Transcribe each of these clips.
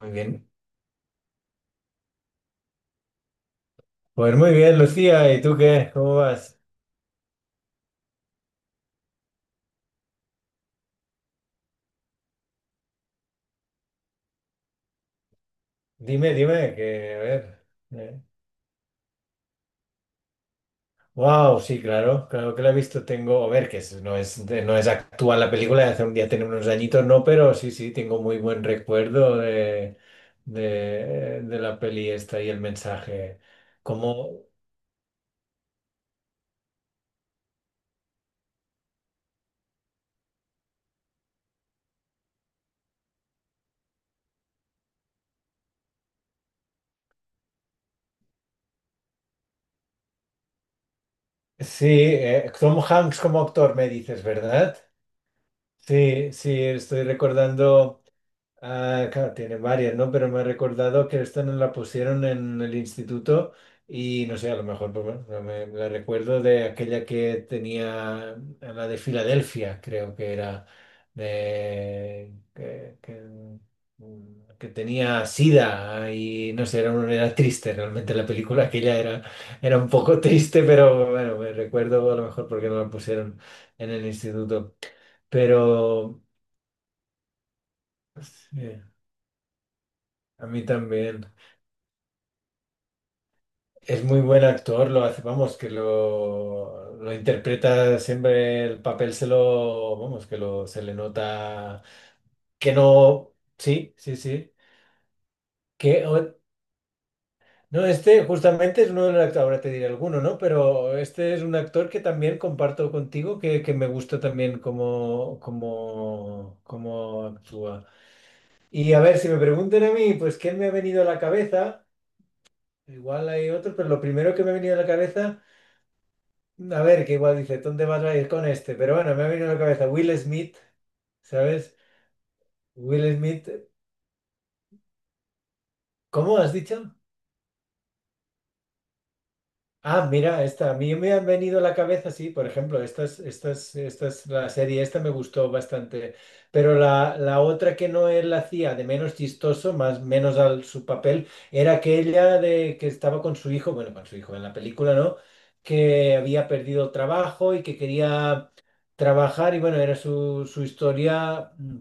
Muy bien. Pues muy bien, Lucía. ¿Y tú qué? ¿Cómo vas? Dime, que a ver. eh. Wow, sí, claro, que la he visto. Tengo, a ver, no es, no es actual la película, de hace un día tiene unos añitos, no, pero sí, tengo muy buen recuerdo de la peli esta y el mensaje. Como, sí, Tom Hanks como actor, me dices, ¿verdad? Sí, sí, estoy recordando. Ah, claro, tiene varias, ¿no? Pero me ha recordado que esta nos la pusieron en el instituto y no sé, a lo mejor, pues bueno, no me, me la recuerdo de aquella que tenía, la de Filadelfia, creo que era, de, que, que, que tenía sida y no sé, era, era triste realmente la película, aquella era, era un poco triste, pero bueno, me recuerdo a lo mejor porque no la pusieron en el instituto, pero sí, a mí también. Es muy buen actor, lo hace, vamos, lo interpreta siempre el papel, se lo, vamos, que lo, se le nota que no, sí, sí, sí, que, no, este justamente es uno de los actores, ahora te diré alguno, ¿no? Pero este es un actor que también comparto contigo, que me gusta también cómo actúa. Y a ver, si me preguntan a mí, pues, ¿quién me ha venido a la cabeza? Igual hay otro, pero lo primero que me ha venido a la cabeza. A ver, que igual dice, ¿dónde vas a ir con este? Pero bueno, me ha venido a la cabeza Will Smith, ¿sabes? Will Smith, ¿cómo has dicho? Ah, mira, esta, a mí me han venido a la cabeza, sí, por ejemplo, estas, la serie esta me gustó bastante, pero la otra que no él hacía de menos chistoso, más menos al su papel, era aquella de que estaba con su hijo, bueno, con su hijo en la película, ¿no? Que había perdido el trabajo y que quería trabajar y bueno, era su, su historia,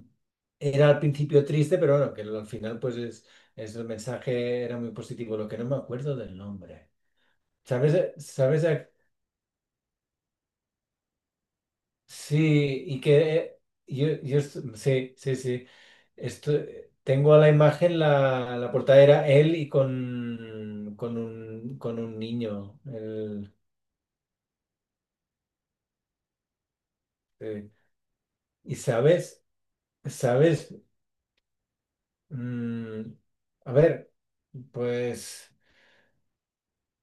era al principio triste, pero bueno, que al final pues es el mensaje era muy positivo, lo que no me acuerdo del nombre. ¿Sabes? ¿Sabes? Sí, y que sí, sí, sí. Esto, tengo a la imagen la portada era él con un niño. Eh, Y sabes, sabes, Mm, a ver, pues.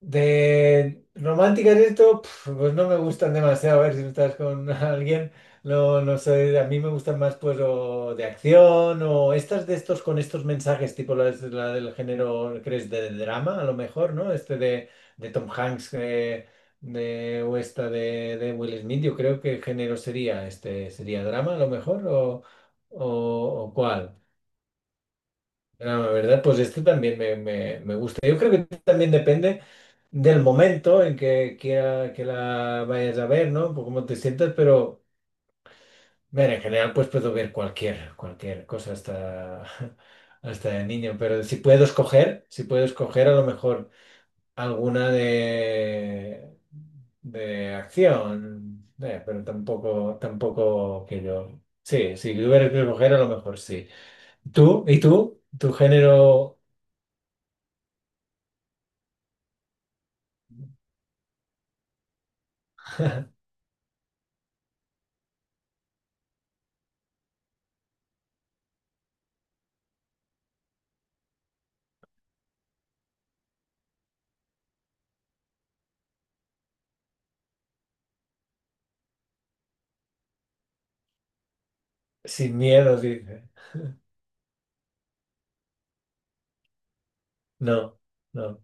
De románticas y esto, pf, pues no me gustan demasiado. A ver si tú estás con alguien, no, no sé. A mí me gustan más, pues, o de acción o estas de estos con estos mensajes, tipo la del género, crees, de drama, a lo mejor, ¿no? Este de Tom Hanks de, o esta de Will Smith. Yo creo que género sería este, sería drama, a lo mejor, o, o cuál. Drama, ¿verdad? Pues este también me gusta. Yo creo que también depende del momento en que quiera que la vayas a ver, ¿no? Por cómo te sientas, pero ver, en general pues puedo ver cualquier, cualquier cosa hasta, hasta de niño, pero si puedo escoger, si puedo escoger a lo mejor alguna de acción, pero tampoco, tampoco que yo. Sí, si tuviera que escoger a lo mejor sí. ¿Tú? ¿Y tú? ¿Tu género sin miedo, dice? No, no,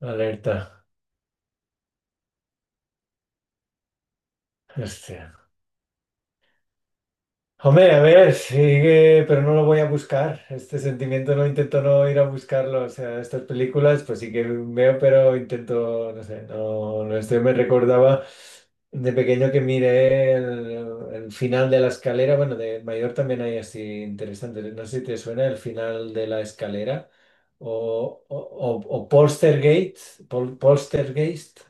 alerta. Hostia. Hombre, a ver, sigue, pero no lo voy a buscar. Este sentimiento no intento no ir a buscarlo. O sea, estas películas, pues sí que veo, pero intento, no sé, no, no estoy. Me recordaba de pequeño que miré el final de la escalera. Bueno, de mayor también hay así interesantes. No sé si te suena el final de la escalera o, o, o, o Poltergeist, Poltergeist.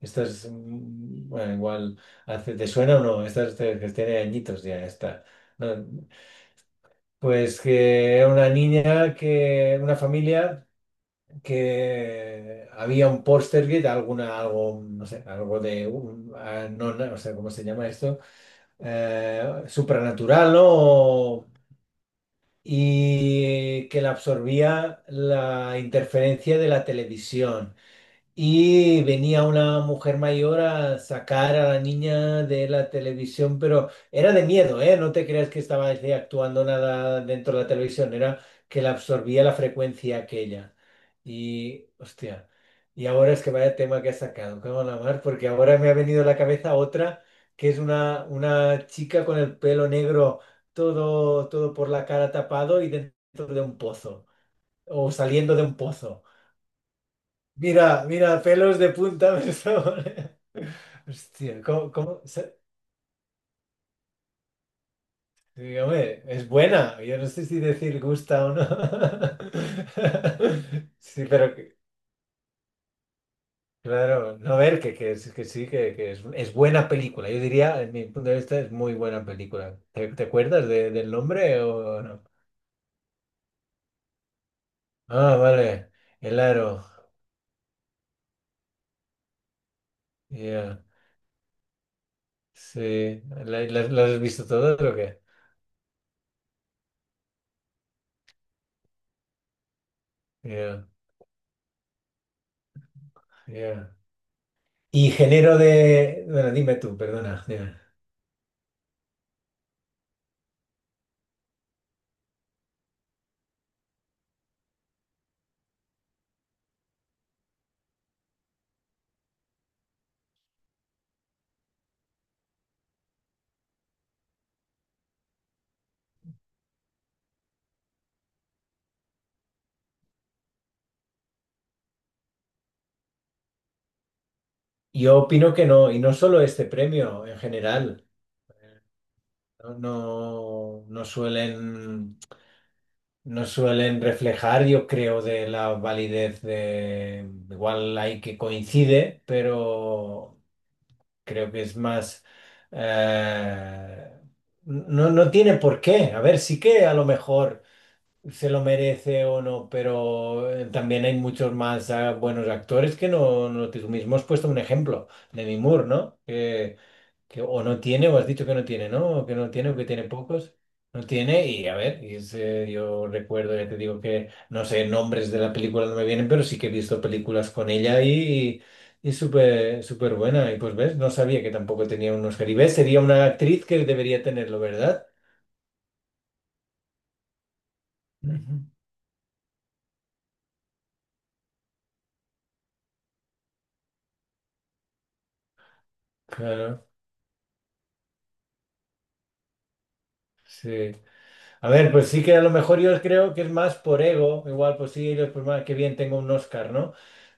Estas, bueno, igual, hace, ¿te suena o no? Que tiene añitos ya, está. Eh, Pues que era una niña que, una familia que había un Portergate, alguna, algo, no sé, algo de, ah, no, no, o sea, ¿cómo se llama esto? Supranatural, ¿no? O, y que la absorbía la interferencia de la televisión. Y venía una mujer mayor a sacar a la niña de la televisión, pero era de miedo, ¿eh? No te creas que estaba así actuando nada dentro de la televisión, era que la absorbía la frecuencia aquella. Y, hostia, y ahora es que vaya tema que ha sacado, cago en la mar, porque ahora me ha venido a la cabeza otra, que es una chica con el pelo negro, todo, todo por la cara tapado y dentro de un pozo, o saliendo de un pozo. Mira, mira, pelos de punta me está poniendo. Hostia, ¿cómo se- Dígame, es buena. Yo no sé si decir gusta o no. Sí, pero claro, no a ver, que sí, que es buena película. Yo diría, en mi punto de vista, es muy buena película. ¿Te acuerdas del nombre o no? Ah, vale, El Aro. Ya. Sí, ¿las has visto todas o qué? Ya, ya. Y género de. Bueno, dime tú, perdona. Dime. Yo opino que no, y no solo este premio, en general. No, no, no suelen reflejar, yo creo, de la validez de. Igual hay que coincide, pero creo que es más. eh, No, no tiene por qué. A ver, sí que a lo mejor, se lo merece o no, pero también hay muchos más buenos actores que no, tú mismo has puesto un ejemplo, Demi Moore, ¿no? Que o no tiene, o has dicho que no tiene, ¿no? O que no tiene, o que tiene pocos. No tiene, y a ver, y es, yo recuerdo, ya te digo que no sé, nombres de la película no me vienen, pero sí que he visto películas con ella y súper súper buena. Y pues ves, no sabía que tampoco tenía unos Oscar. Y ves, sería una actriz que debería tenerlo, ¿verdad? Ujú. Claro, sí. A ver, pues sí que a lo mejor yo creo que es más por ego, igual pues sí, ellos, pues más que bien tengo un Oscar, ¿no?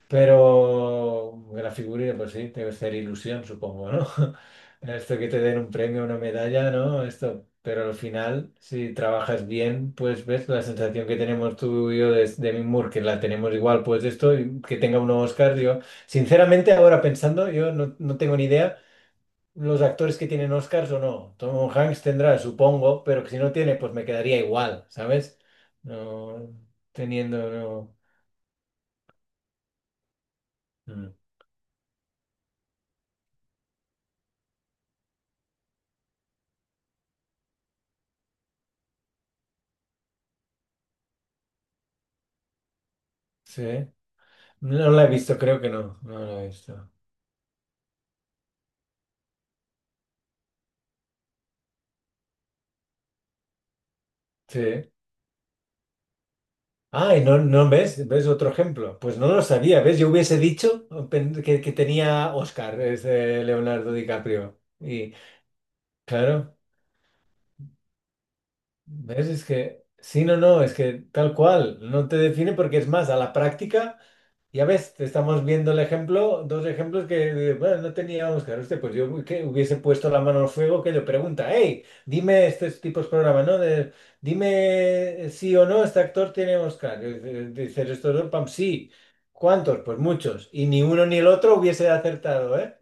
Pero la figurita, pues sí, debe ser ilusión, supongo, ¿no? Esto que te den un premio, una medalla, ¿no? Esto, pero al final, si trabajas bien, pues ves la sensación que tenemos tú y yo de Demi Moore, que la tenemos igual, pues esto, y que tenga un Oscar, yo, sinceramente ahora pensando, yo no, no tengo ni idea los actores que tienen Oscars o no. Tom Hanks tendrá, supongo, pero que si no tiene, pues me quedaría igual, ¿sabes? No, teniendo, no. Mm. Sí. No la he visto, creo que no. No la he visto. Sí. Ah, y no, no ves, ves otro ejemplo. Pues no lo sabía, ¿ves? Yo hubiese dicho que tenía Oscar, ese Leonardo DiCaprio. Y claro, ¿ves? Es que, sí, no, no, es que tal cual, no te define porque es más, a la práctica. Ya ves, te estamos viendo el ejemplo, dos ejemplos que, bueno, no teníamos claro este, pues yo que hubiese puesto la mano al fuego que le pregunta, hey, dime estos tipos de programas, ¿no? De, dime sí o no, este actor tiene Oscar. Y dice- Dices, estos dos, pam, sí. ¿Cuántos? Pues muchos. Y ni uno ni el otro hubiese acertado, ¿eh?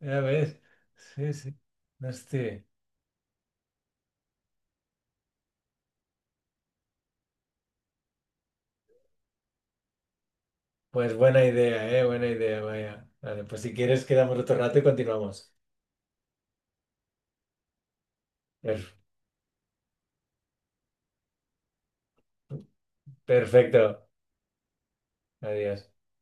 Ya ves. Sí, sí. Hostia. Pues buena idea, ¿eh? Buena idea, vaya. Vale, pues si quieres quedamos otro rato y continuamos. Per- perfecto. Adiós.